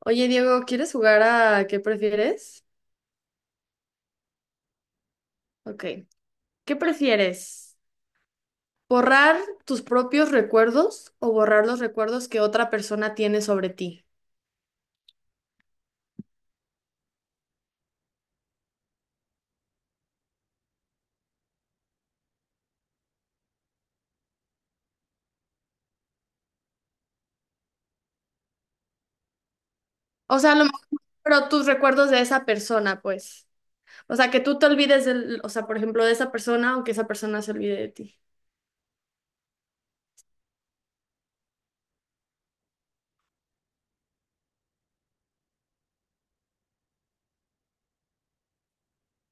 Oye, Diego, ¿quieres jugar a qué prefieres? Ok. ¿Qué prefieres? ¿Borrar tus propios recuerdos o borrar los recuerdos que otra persona tiene sobre ti? O sea, a lo mejor, pero tus recuerdos de esa persona, pues. O sea, que tú te olvides del, o sea, por ejemplo, de esa persona o que esa persona se olvide de ti.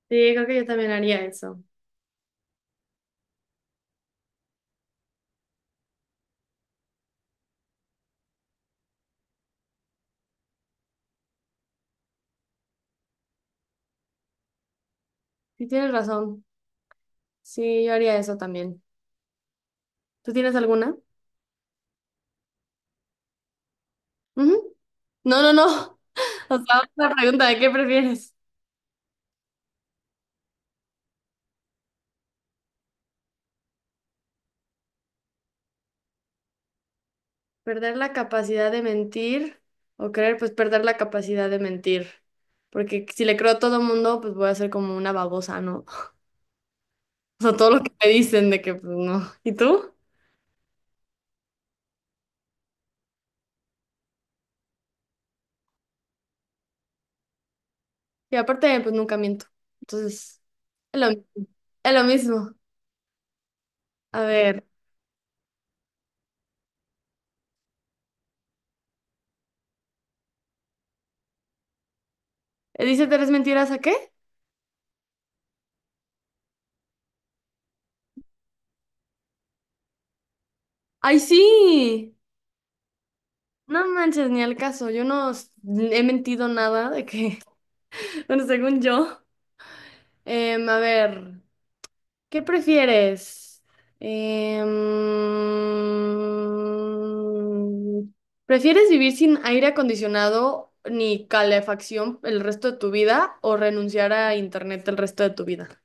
Sí, creo que yo también haría eso. Sí, tienes razón. Sí, yo haría eso también. ¿Tú tienes alguna? Ujú. No, no, no. O sea, una pregunta de qué prefieres. ¿Perder la capacidad de mentir o creer? Pues perder la capacidad de mentir. Porque si le creo a todo mundo, pues voy a ser como una babosa, ¿no? O sea, todo lo que me dicen de que, pues no. ¿Y tú? Y aparte, pues nunca miento. Entonces, es lo mismo. Es lo mismo. A ver, ¿dice 3 mentiras a qué? ¡Ay, sí! No manches, ni al caso. Yo no s- he mentido nada de que, bueno, según yo. A ver. ¿Qué prefieres? Em, ¿Prefieres vivir sin aire acondicionado ni calefacción el resto de tu vida o renunciar a internet el resto de tu vida?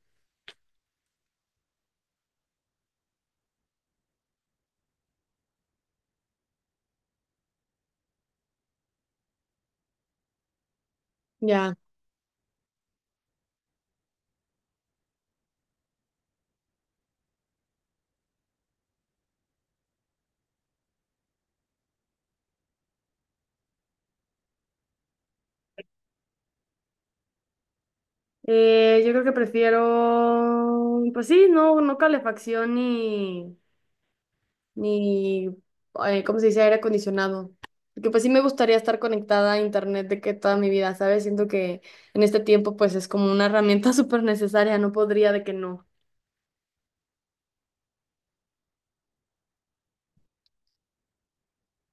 Ya. Yo creo que prefiero, pues sí, no, no calefacción ni, ¿cómo se dice? Aire acondicionado. Porque pues sí me gustaría estar conectada a internet de que toda mi vida, ¿sabes? Siento que en este tiempo pues es como una herramienta súper necesaria, no podría de que no,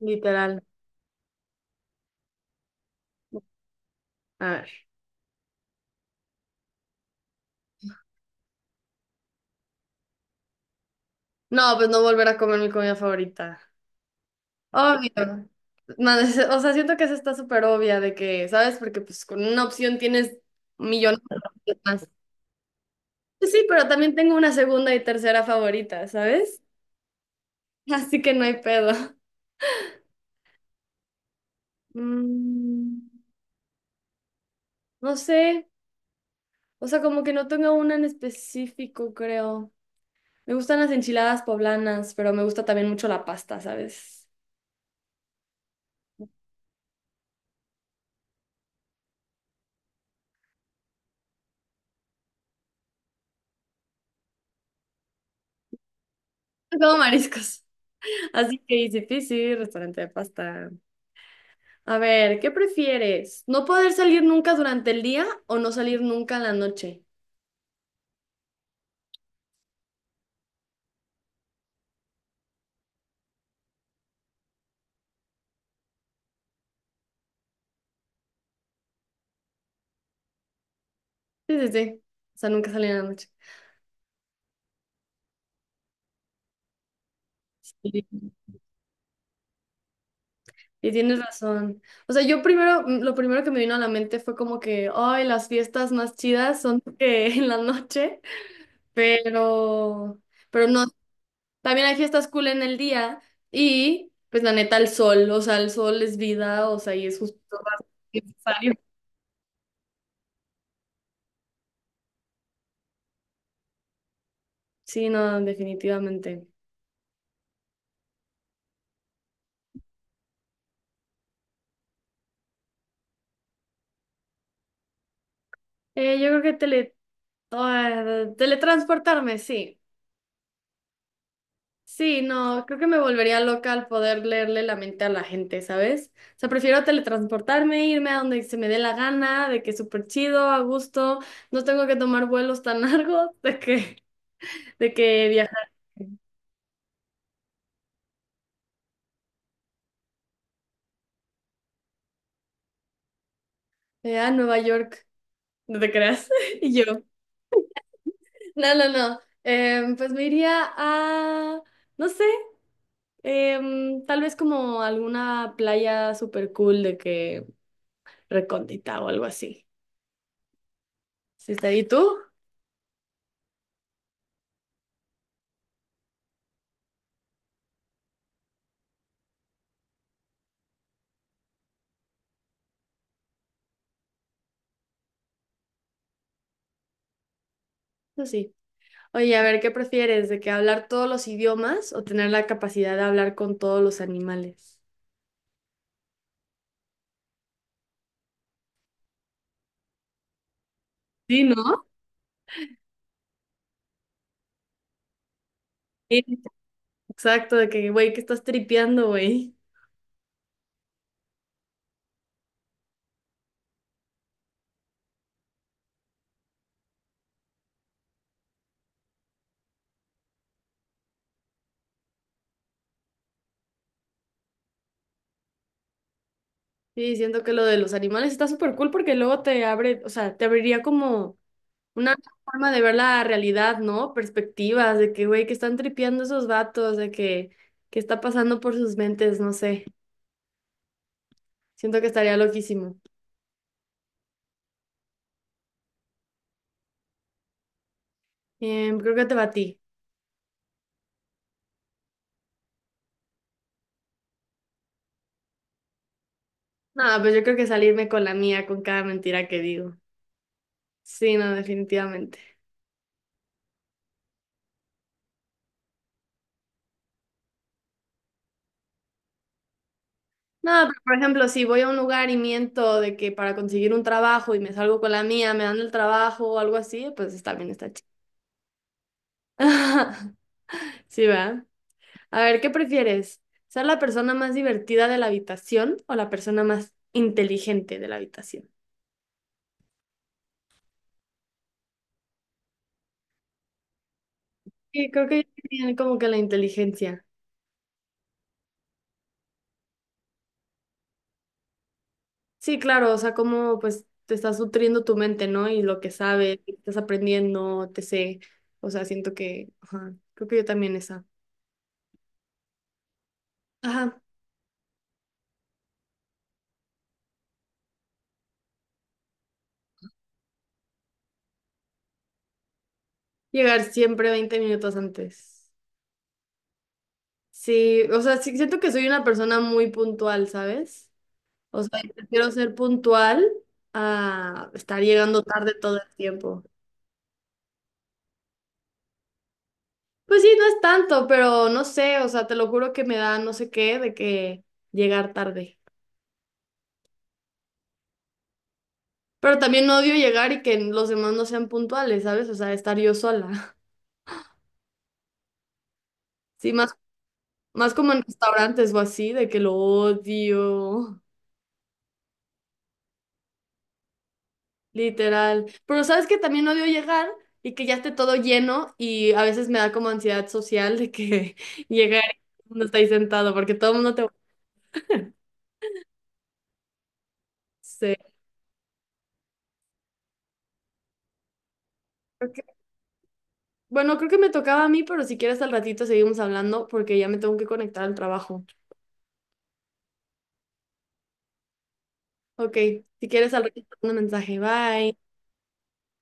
literal. A ver. No, pues no volver a comer mi comida favorita. Obvio. No, es- o sea, siento que eso está súper obvia de que, ¿sabes? Porque pues con una opción tienes millones de opciones más. Pues sí, pero también tengo una segunda y tercera favorita, ¿sabes? Así que no hay pedo. Mm. No sé, o sea, como que no tengo una en específico, creo. Me gustan las enchiladas poblanas, pero me gusta también mucho la pasta, ¿sabes? Como mariscos. Así que easy peasy, restaurante de pasta. A ver, ¿qué prefieres? ¿No poder salir nunca durante el día o no salir nunca en la noche? Sí, sí, sí. O sea, nunca salir en la noche. Sí, y tienes razón. O sea, yo primero, mm, lo primero que me vino a la mente fue como que, ay, las fiestas más chidas son en la noche, pero... Pero no, también hay fiestas cool en el día y pues la neta el sol, o sea, el sol es vida, o sea, y es justo necesario. Sí, no, definitivamente. Yo creo que tele... ah, teletransportarme, sí. Sí, no, creo que me volvería loca al poder leerle la mente a la gente, ¿sabes? O sea, prefiero teletransportarme, irme a donde se me dé la gana, de que súper chido, a gusto, no tengo que tomar vuelos tan largos, de que viajar a Nueva York, no te creas, y yo. No, no, no. Pues me iría a, no sé, tal vez como alguna playa super cool de que recóndita o algo así. ¿Sí está ahí tú? No, sí. Oye, a ver, ¿qué prefieres? ¿De que hablar todos los idiomas o tener la capacidad de hablar con todos los animales? Sí, ¿no? Sí. Exacto, de que, güey, ¿que estás tripeando, güey? Sí, siento que lo de los animales está súper cool porque luego te abre, o sea, te abriría como una forma de ver la realidad, ¿no? Perspectivas de que, güey, que están tripeando esos vatos, de que está pasando por sus mentes, no sé. Siento que estaría loquísimo. Creo que te batí. No, pues yo creo que salirme con la mía, con cada mentira que digo. Sí, no, definitivamente. No, pero por ejemplo, si voy a un lugar y miento de que para conseguir un trabajo y me salgo con la mía, me dan el trabajo o algo así, pues está bien, está chido. Sí, ¿verdad? A ver, ¿qué prefieres? ¿Ser la persona más divertida de la habitación o la persona más inteligente de la habitación? Sí, creo que tienen como que la inteligencia. Sí, claro, o sea, como pues te estás nutriendo tu mente, ¿no? Y lo que sabes, y estás aprendiendo, te sé. O sea, siento que, ajá, creo que yo también esa. Ajá, llegar siempre 20 minutos antes. Sí, o sea, sí, siento que soy una persona muy puntual, ¿sabes? O sea, yo prefiero ser puntual a estar llegando tarde todo el tiempo. Pues sí, no es tanto, pero no sé, o sea, te lo juro que me da no sé qué de que llegar tarde. Pero también odio llegar y que los demás no sean puntuales, ¿sabes? O sea, estar yo sola. Sí, más, más como en restaurantes o así, de que lo odio, literal. Pero sabes que también odio llegar y que ya esté todo lleno y a veces me da como ansiedad social de que llegar y todo el mundo está ahí sentado porque todo el mundo te... Ok. Bueno, creo que me tocaba a mí, pero si quieres al ratito seguimos hablando porque ya me tengo que conectar al trabajo. Ok, si quieres al ratito, te mando un mensaje. Bye.